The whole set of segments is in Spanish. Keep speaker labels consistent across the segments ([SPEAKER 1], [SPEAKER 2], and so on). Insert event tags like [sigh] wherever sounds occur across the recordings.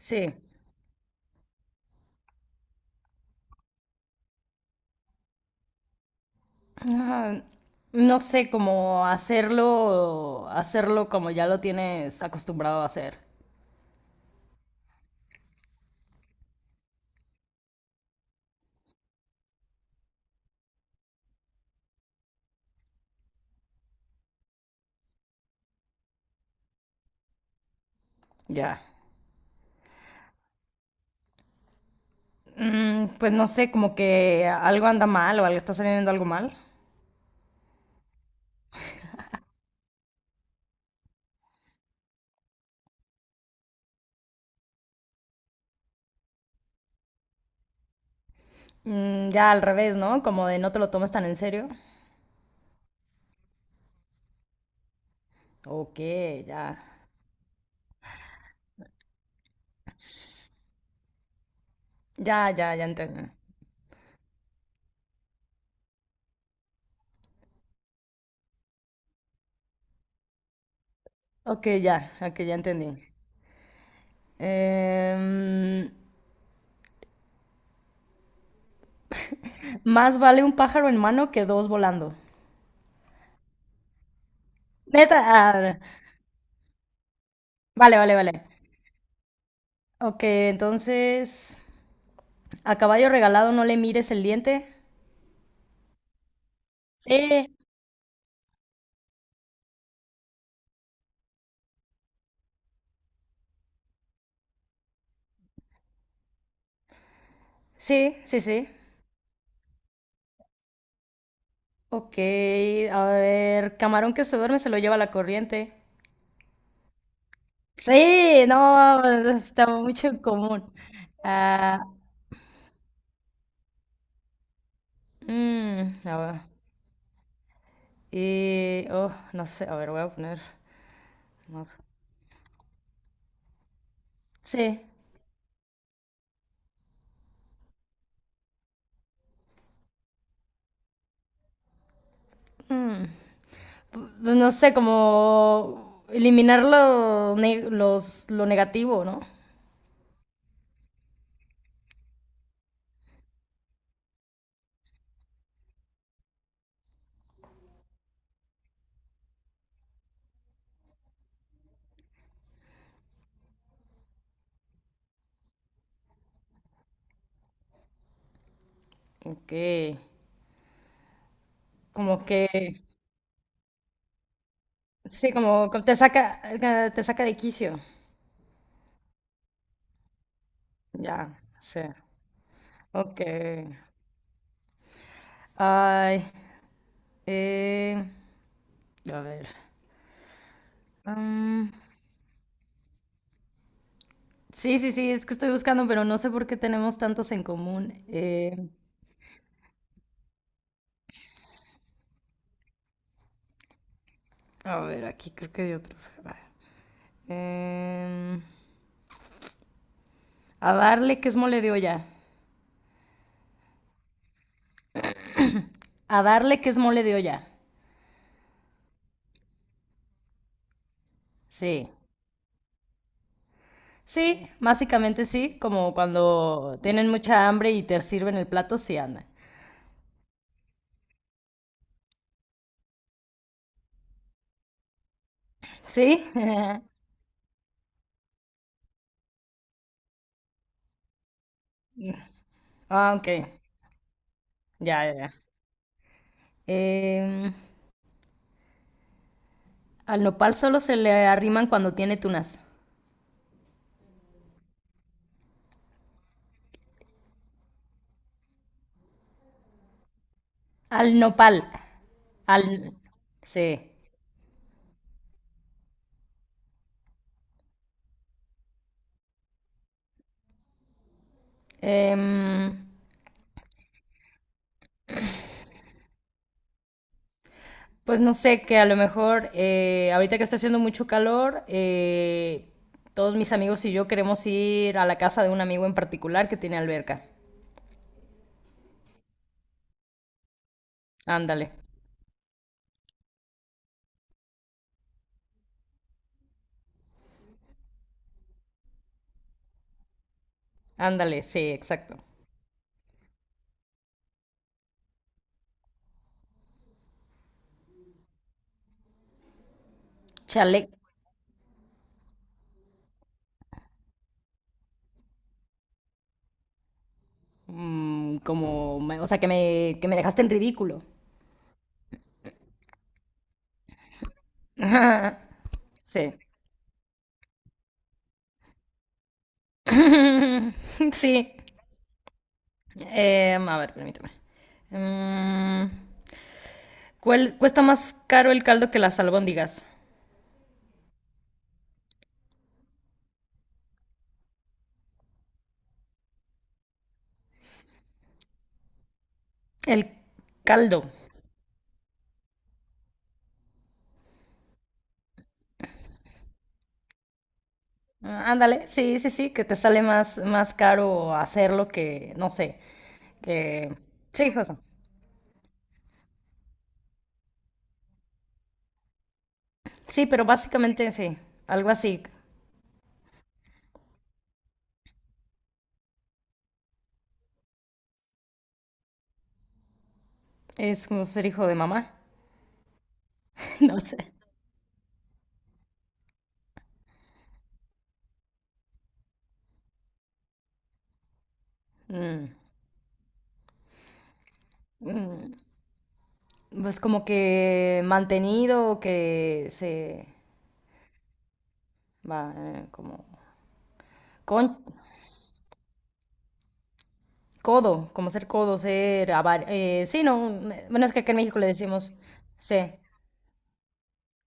[SPEAKER 1] Sí. Ah, no sé cómo hacerlo como ya lo tienes acostumbrado a hacer. Ya. Pues no sé, como que algo anda mal o algo está saliendo algo mal. Mm, ya al revés, ¿no? Como de no te lo tomes tan en serio. Ok, ya. Ya, ya, ya entendí. Ok, ya, ok, ya entendí. Em, Más vale un pájaro en mano que dos volando. Neta, ah, vale, vale, vale. Ok, entonces. A caballo regalado no le mires el diente. Sí. Sí, sí, sí. Ok, a ver, camarón que se duerme se lo lleva la corriente. Sí, no, está mucho en común. Ah, mm, a ver. Y, oh, no sé, a ver, voy a poner más. Sí. mm, pues no sé, como eliminar los, lo negativo, ¿no? Ok, como... que... Sí, como como te saca de quicio. Ya, sí. Ok. Ay, eh, a ver. Mm, sí, sí, sí, es que estoy buscando, pero no sé por qué tenemos tantos en común. A ver, aquí creo que hay otros. A ver. Em, a darle que es mole de olla. A darle que es mole de olla. Sí. Sí, básicamente sí, como cuando tienen mucha hambre y te sirven el plato, sí anda. ¿Sí? [laughs] Ah, ok. Ya, ya, ya. Em, Al nopal solo se le arriman cuando tiene tunas. Al nopal. Al... Sí. Em, pues no sé, que a lo mejor ahorita que está haciendo mucho calor, todos mis amigos y yo queremos ir a la casa de un amigo en particular que tiene alberca. Ándale, ándale, sí, exacto. Chale. Mm, como, o sea, que me dejaste en ridículo. [laughs] Sí. [laughs] Sí. A ver, permíteme. Mm, ¿Cuál cuesta más caro el caldo que las albóndigas? El caldo. Ah, ándale, sí, sí, sí, que te sale más, más caro hacerlo que, no sé, que... Sí, hijo. Sí, pero básicamente sí, algo así. Es como ser hijo de mamá. [laughs] No sé. Mm, mm, Pues como que mantenido, que se va como... Con... Codo, como ser codo, ser sí, no, me- bueno, es que acá en México le decimos, sí,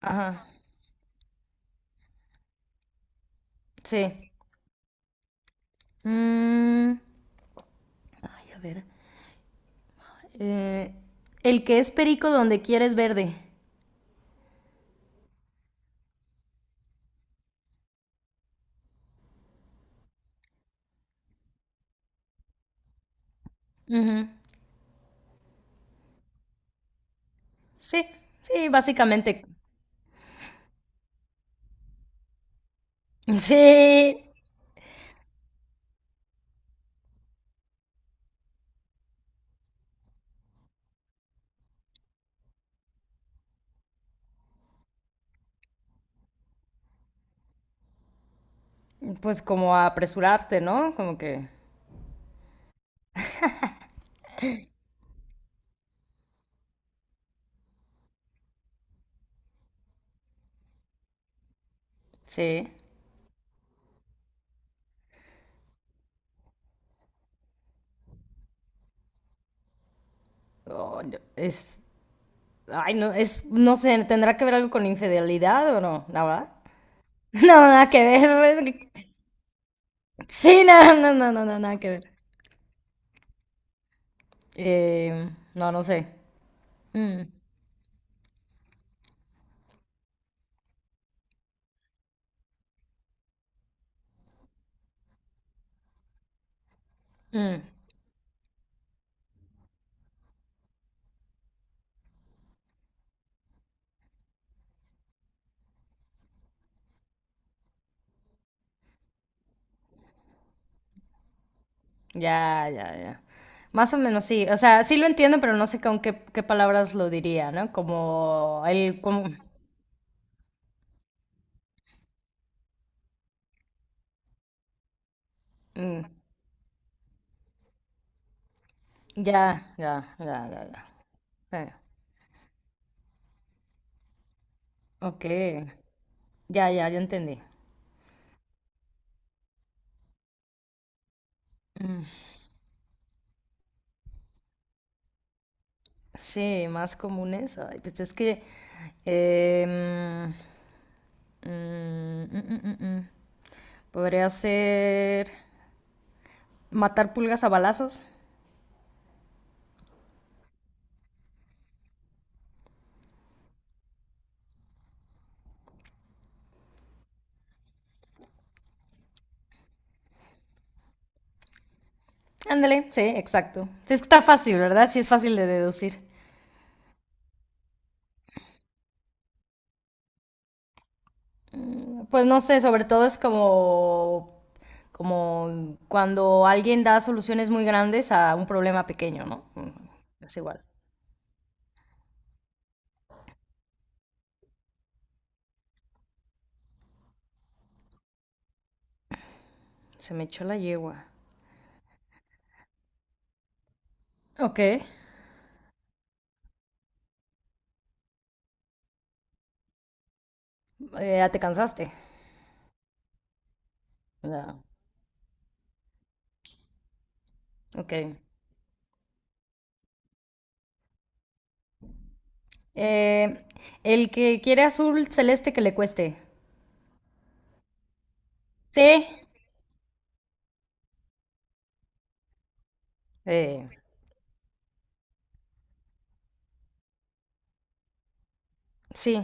[SPEAKER 1] ajá, sí. Mm, Ay, a ver, eh, el que es perico donde quieres verde. Ujú, sí, sí, básicamente, [laughs] sí, pues como apresurarte, ¿no? Como que, sí. Oh, no, es, ay, no, es, no sé, ¿tendrá que ver algo con infidelidad o no? Nada, [laughs] no, nada que ver, [laughs] sí, no, no, no, no, no, nada que ver. No, no sé. Mm, mm, ya, ya, ya. Más o menos sí. O sea, sí lo entiendo, pero no sé con qué, qué palabras lo diría, ¿no? Como el... Como, mm, ya, ya, ya, ya, ya. Eh, ok. Ya, ya, ya entendí. Mm, sí, más comunes. Ay, pues es que... em, mm, mm, mm, mm, mm. Podría ser matar pulgas a balazos. Ándale, sí, exacto. Sí, está fácil, ¿verdad? Sí, es fácil de deducir. Pues no sé, sobre todo es como, como cuando alguien da soluciones muy grandes a un problema pequeño, ¿no? Es igual. Se me echó la yegua. Ok. Ya te cansaste. No. Ok. Eh, el que quiere azul celeste que le cueste. Sí. Eh, sí.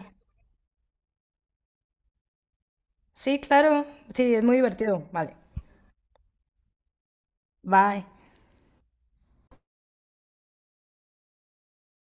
[SPEAKER 1] Sí, claro. Sí, es muy divertido. Vale. Bye.